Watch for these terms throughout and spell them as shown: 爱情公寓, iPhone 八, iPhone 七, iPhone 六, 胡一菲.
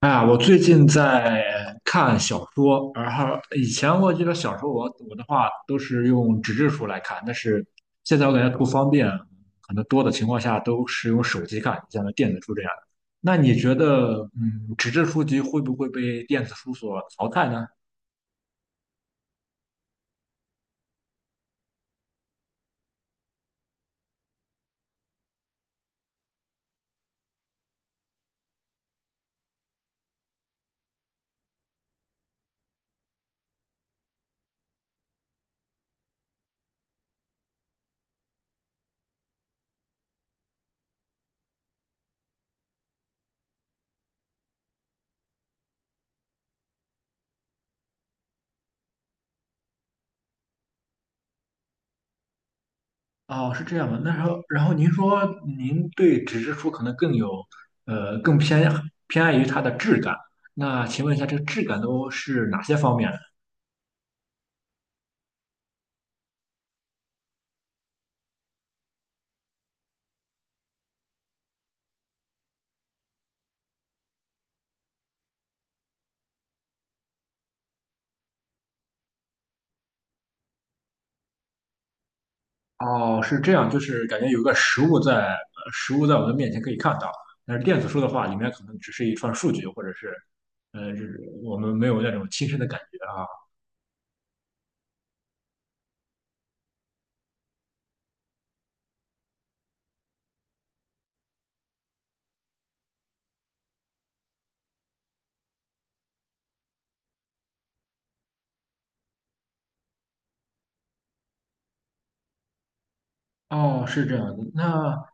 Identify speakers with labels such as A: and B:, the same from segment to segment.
A: 啊，我最近在看小说，然后以前我记得小说我的话都是用纸质书来看，但是现在我感觉不方便，可能多的情况下都是用手机看，像电子书这样的。那你觉得，纸质书籍会不会被电子书所淘汰呢？哦，是这样的。那时候，然后您说您对纸质书可能更有，更偏爱于它的质感。那请问一下，这个质感都是哪些方面？哦，是这样，就是感觉有个实物在，实物在我们面前可以看到，但是电子书的话，里面可能只是一串数据，或者是，是我们没有那种亲身的感觉啊。哦，是这样的，那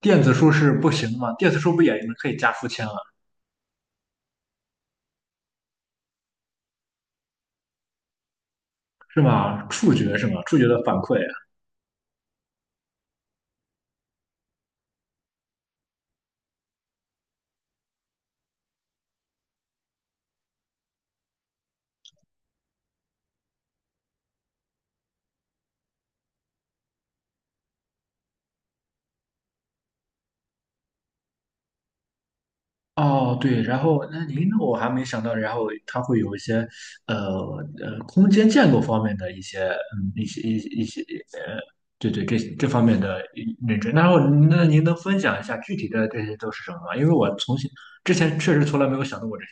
A: 电子书是不行的吗？电子书不也可以加书签了，是吗？触觉是吗？触觉的反馈。哦，对，然后那您我还没想到，然后它会有一些呃空间建构方面的一些一些呃，对对，这方面的认知。然后那您能分享一下具体的这些都是什么吗？因为我之前确实从来没有想到过这些。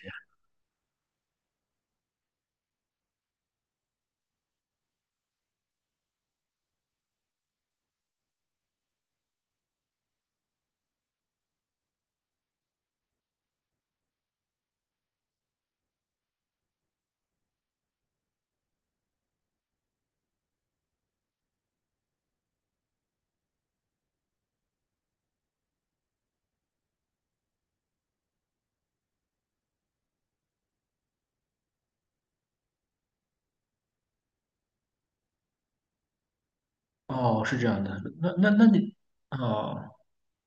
A: 哦，是这样的，那你哦。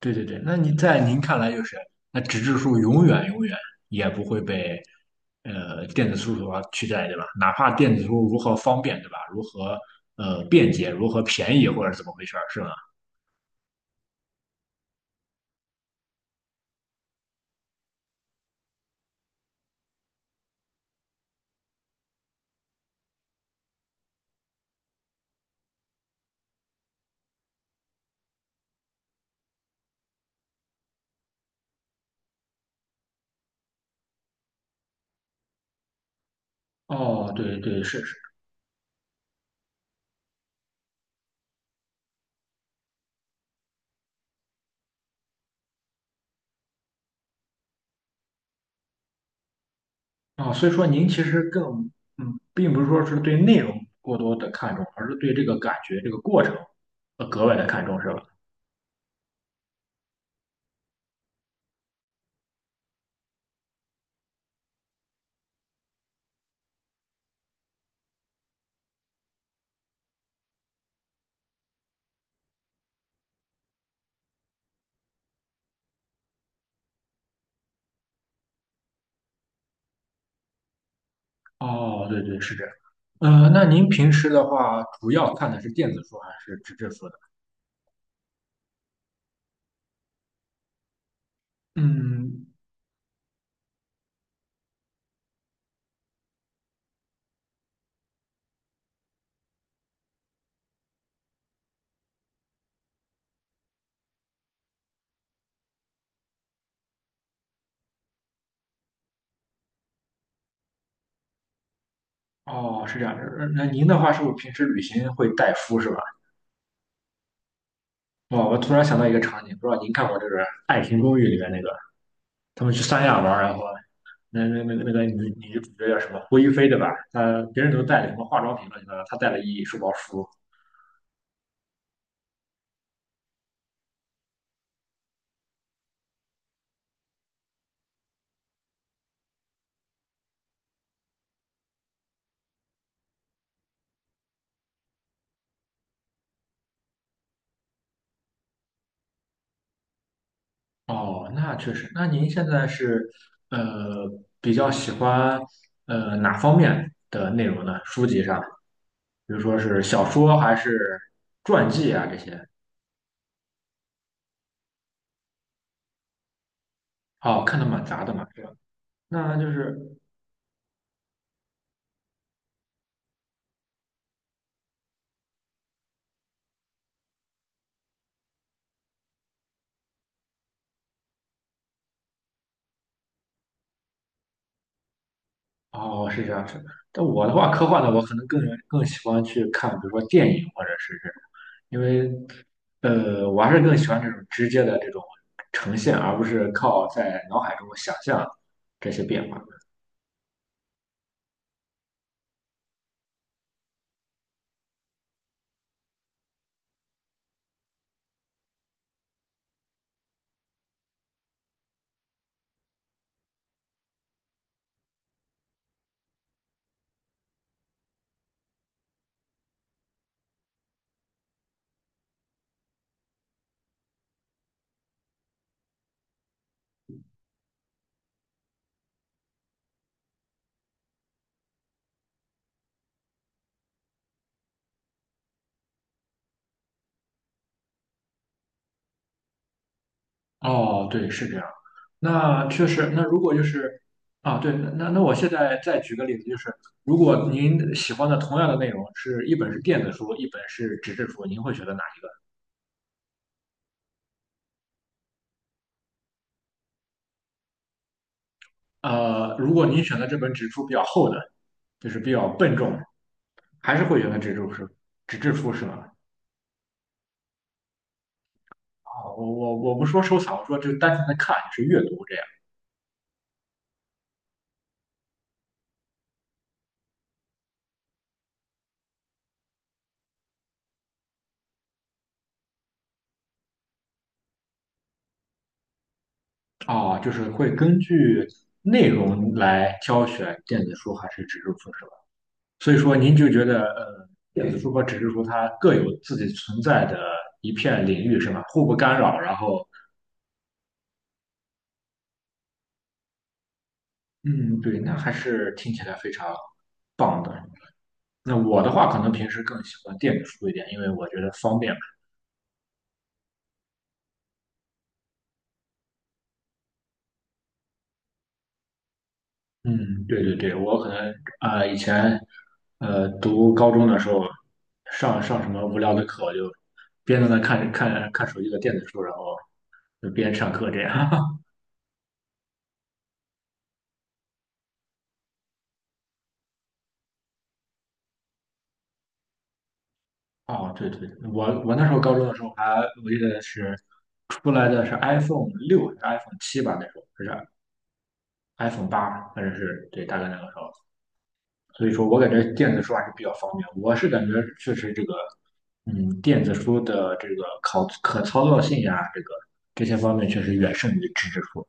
A: 对对对，那你在您看来就是，那纸质书永远永远也不会被电子书所取代，对吧？哪怕电子书如何方便，对吧？如何便捷，如何便宜，或者怎么回事儿，是吧？哦，对对是是。啊，所以说您其实更并不是说是对内容过多的看重，而是对这个感觉、这个过程格外的看重，是吧？哦，对对，是这样。那您平时的话，主要看的是电子书还是纸质书呢？嗯，哦，是这样。那您的话是不是平时旅行会带书是吧？哦，我突然想到一个场景，不知道您看过这个《爱情公寓》里面那个，他们去三亚玩儿然后那个女主角叫什么胡一菲对吧？她别人都带了什么化妆品乱七八糟，她带了一书包书。哦，那确实。那您现在是呃比较喜欢哪方面的内容呢？书籍上，比如说是小说还是传记啊这些？哦，看的蛮杂的嘛，对吧？那就是哦，是这样子。但我的话，科幻的我可能更喜欢去看，比如说电影或者是这种，因为我还是更喜欢这种直接的这种呈现，而不是靠在脑海中想象这些变化。哦，对，是这样。那确实，那如果就是啊，对，那我现在再举个例子，就是如果您喜欢的同样的内容是一本是电子书，一本是纸质书，您会选择哪一个如果您选择这本纸质书比较厚的，就是比较笨重，还是会觉得纸质书是吧？啊，我不说收藏，我说就单纯的看，是阅读这样。哦，就是会根据内容来挑选电子书还是纸质书是吧？所以说您就觉得电子书和纸质书它各有自己存在的一片领域是吧？互不干扰，然后嗯，对，那还是听起来非常棒的。那我的话，可能平时更喜欢电子书一点，因为我觉得方便。嗯，对对对，我可能啊、以前读高中的时候，上什么无聊的课，我就边在那看手机的电子书，然后就边上课这样。哦，对对，我那时候高中的时候还我记得是出来的是 iPhone 6还是 iPhone 7吧，那时候还是 iPhone 8，反正是对，大概那个时候。所以说我感觉电子书还是比较方便。我是感觉确实这个，电子书的这个可操作性呀、这个这些方面确实远胜于纸质书。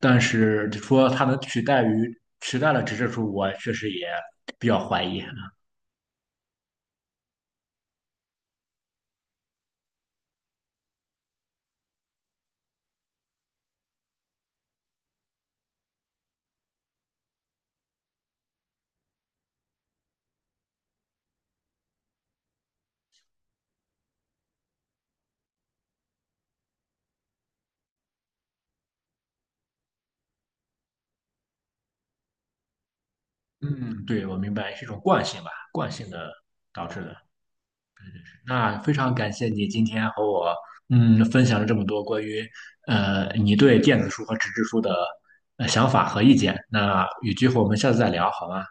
A: 但是就说它能取代了纸质书，我确实也比较怀疑。嗯，对，我明白是一种惯性吧，惯性的导致的。那非常感谢你今天和我分享了这么多关于你对电子书和纸质书的想法和意见。那有机会我们下次再聊，好吗？